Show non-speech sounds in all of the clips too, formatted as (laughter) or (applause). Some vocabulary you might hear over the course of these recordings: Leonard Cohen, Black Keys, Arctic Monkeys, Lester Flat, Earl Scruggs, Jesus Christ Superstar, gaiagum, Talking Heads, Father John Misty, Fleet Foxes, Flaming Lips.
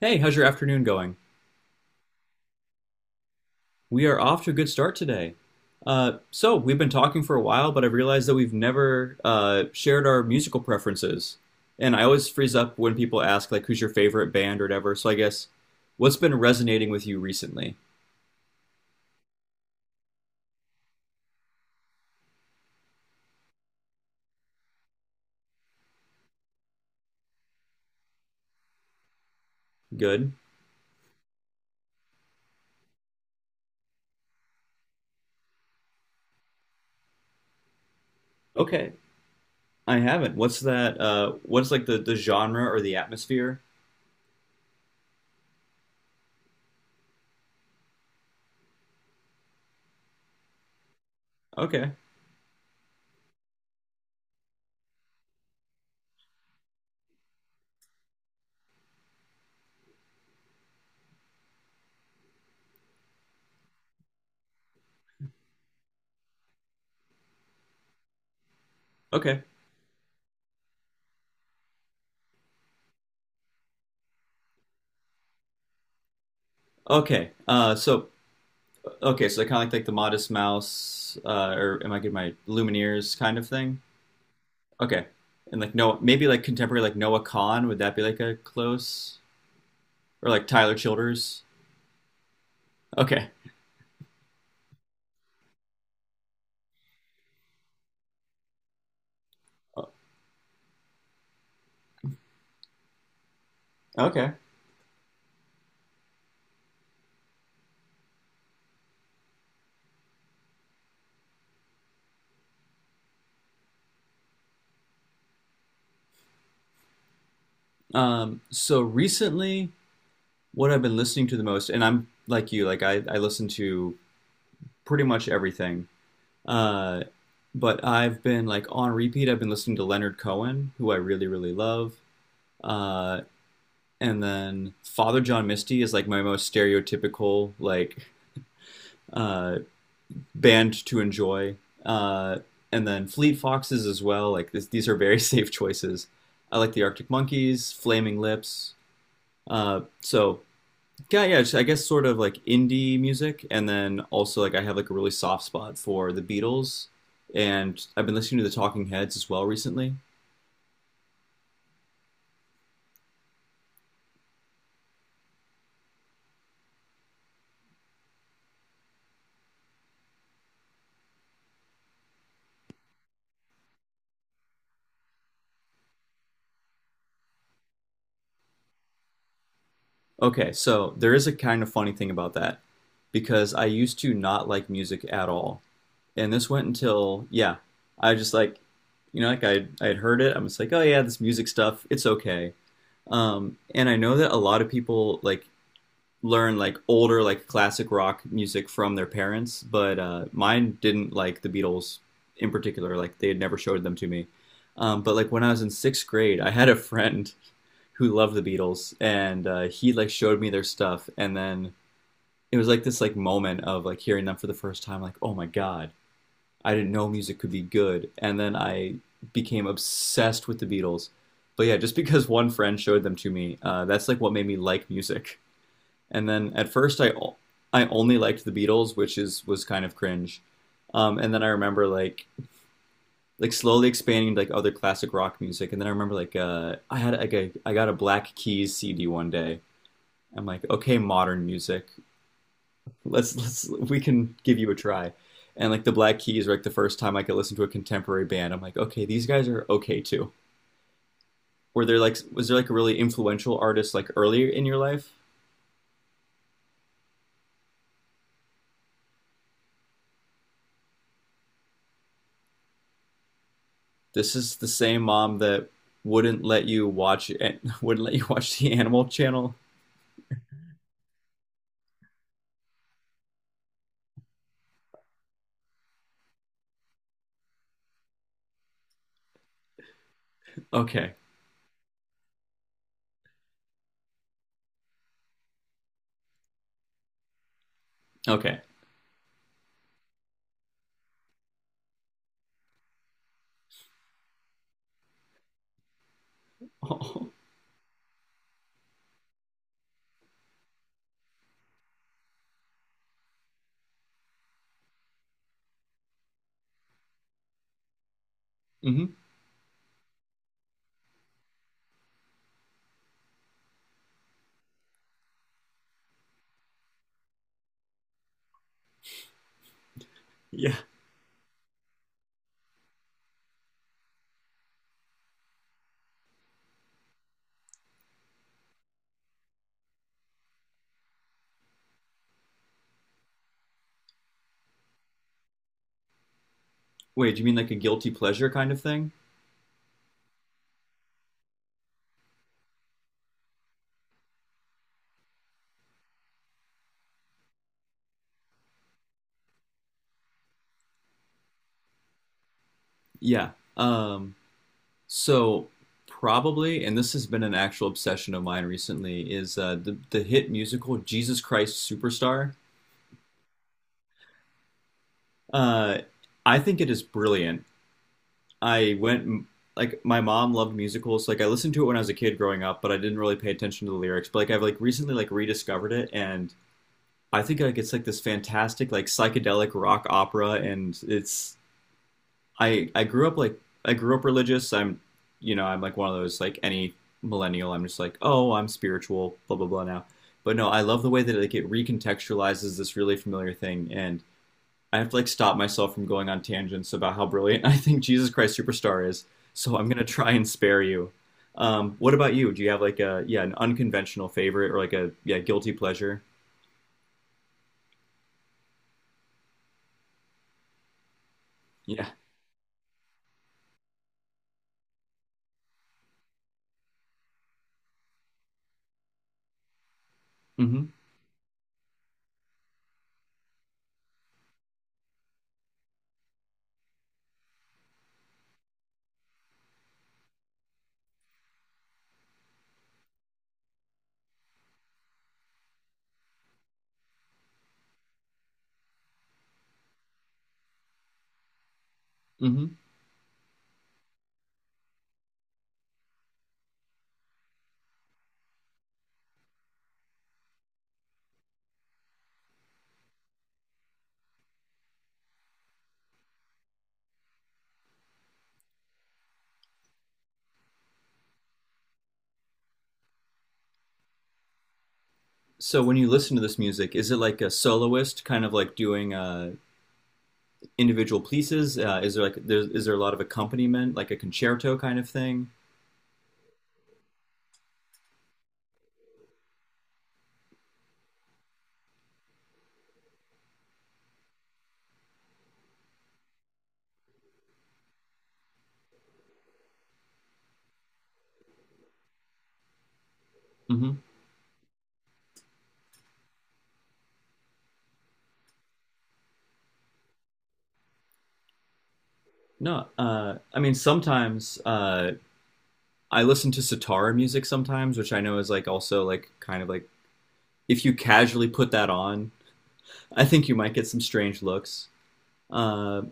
Hey, how's your afternoon going? We are off to a good start today. So, we've been talking for a while, but I've realized that we've never shared our musical preferences. And I always freeze up when people ask, like, who's your favorite band or whatever. So, I guess, what's been resonating with you recently? Good? Okay. I haven't. What's that? What's like the genre or the atmosphere? Okay. Okay. Okay. Okay, so kind of like the Modest Mouse, or am I getting my Lumineers kind of thing? Okay. And like no maybe like contemporary like Noah Kahn, would that be like a close or like Tyler Childers? Okay. Okay. So recently what I've been listening to the most, and I'm like you, like I listen to pretty much everything. Uh but I've been like on repeat I've been listening to Leonard Cohen, who I really, really love. Uh and then Father John Misty is like my most stereotypical like uh band to enjoy. Uh, and then Fleet Foxes as well. Like these are very (laughs) safe choices. I like the Arctic Monkeys, Flaming Lips. So yeah, yeah. I guess sort of like indie music, and then also like I have like a really soft spot for the Beatles, and I've been listening to the Talking Heads as well recently. Okay, so there is a kind of funny thing about that because I used to not like music at all, and this went until, yeah, I just like like I had heard it. I'm just like, oh yeah, this music stuff, it's okay. And I know that a lot of people like learn like older like classic rock music from their parents, but mine didn't like the Beatles in particular. Like they had never showed them to me. But like when I was in sixth grade, I had a friend (laughs) who loved the Beatles, and he like showed me their stuff, and then it was like this like moment of like hearing them for the first time, like, oh my god, I didn't know music could be good, and then I became obsessed with the Beatles. But yeah, just (laughs) because one friend showed them to me, that's like what made me like music. And then at first, I only liked the Beatles, which is was kind of cringe. And then I remember like slowly expanding to like other classic rock music. And then I remember like I got a Black Keys CD one day. I'm like, okay, modern music, let's we can give you a try. And like the Black Keys were like the first time I could listen to a contemporary band. I'm like, okay, these guys are okay too. Were there like was there like a really influential artist like earlier in your life? This is the same mom that wouldn't let you watch and (laughs) wouldn't let you watch the Animal Channel. Okay, okay. (laughs) Oh, mm-hmm. Yeah. Wait, do you mean like a guilty pleasure kind of thing? Yeah. Um, So probably, and this has been an actual obsession of mine recently, is the hit musical Jesus Christ Superstar. Uh, I think it is brilliant. I went like my mom loved musicals. Like I listened to it when I was a kid growing up, but I didn't really pay attention to the lyrics. But like I've like recently like rediscovered it, and I think like it's like this fantastic like psychedelic rock opera, and it's I grew up like I grew up religious. I'm you know I'm like one of those like any millennial. I'm just like, oh, I'm spiritual blah blah blah now. But no, I love the way that like it recontextualizes this really familiar thing, and I have to like stop myself from going on tangents about how brilliant (laughs) I think Jesus Christ Superstar is. So I'm gonna try and spare you. What about you? Do you have like a, yeah, an unconventional favorite or like a, yeah, guilty pleasure? Yeah. Mm-hmm. Mm-hmm. So when you listen to this music, is it like a soloist kind of like doing a individual pieces? Is there a lot of accompaniment, like a concerto kind of thing? Hmm. No, I mean sometimes I listen to sitar music sometimes, which I know is like also like kind of like, if you casually put that on, I think you might get some strange looks. Uh,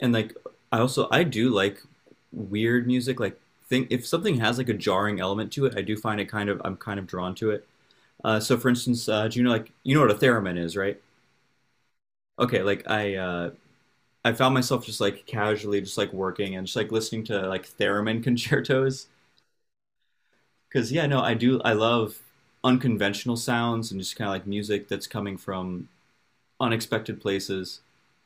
and like I also I do like weird music, like, think if something has like a jarring element to it, I do find it kind of, I'm kind of drawn to it. So for instance, do you know, like, you know what a theremin is, right? Okay, like I found myself just like casually just like working and just like listening to like theremin (laughs) concertos because, yeah, no, I love unconventional sounds and just kind of like music that's coming from unexpected places.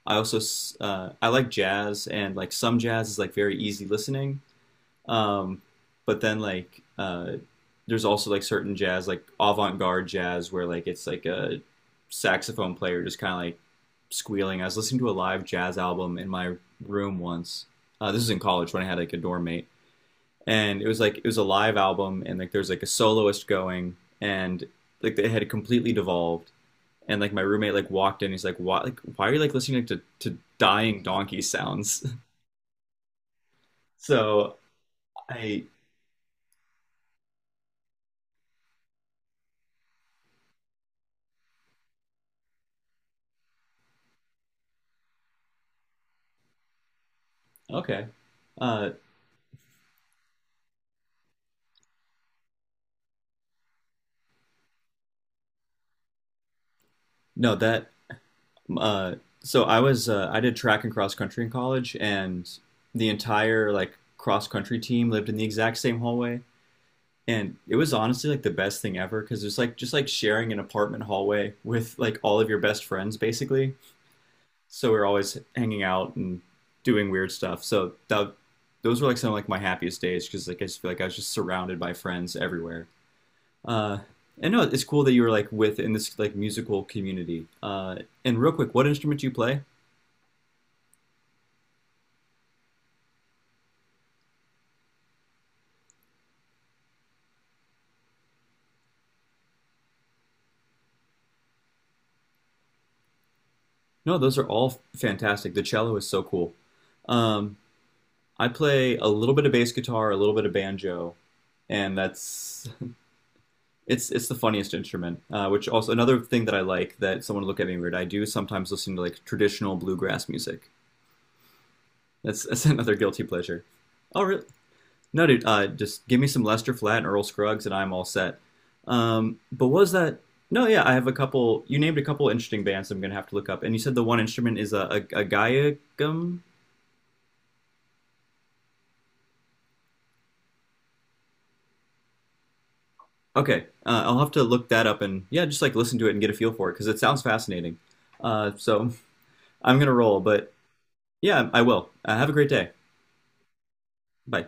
I also I like jazz, and like some jazz is like very easy listening, um, but then like there's also like certain jazz, like avant-garde jazz, where like it's like a saxophone player just kind of like squealing. I was listening to a live jazz album in my room once. This is in college when I had like a dorm mate, and it was like, it was a live album, and like there's like a soloist going, and like they had completely devolved. And like my roommate like walked in, he's like, "Why? Like, why are you like listening to dying donkey sounds?" (laughs) so I okay, uh, no, that, uh so I did track and cross country in college, and the entire like cross country team lived in the exact same hallway, and it was honestly like the best thing ever because it's like just like sharing an apartment hallway with like all of your best friends basically. So we are always hanging out and doing weird stuff. So that, those were like some of like my happiest days because like I just feel like I was just surrounded by friends everywhere. Uh, and no, it's cool that you were like with in this like musical community. And real quick, what instrument do you play? No, those are all fantastic. The cello is so cool. Um, I play a little bit of bass guitar, a little bit of banjo, and that's it's the funniest instrument. Which also another thing that I like that someone would look at me weird. I do sometimes listen to like traditional bluegrass music. That's (laughs) that's another guilty pleasure. Oh, really? No, dude, just give me some Lester Flat and Earl Scruggs, and I'm all set. But was that? No, yeah, I have a couple. You named a couple interesting bands I'm gonna have to look up, and you said the one instrument is a gaiagum. Okay, I'll have to look that up and, yeah, just like listen to it and get a feel for it because it sounds fascinating. So I'm gonna roll, but yeah, I will. Have a great day. Bye.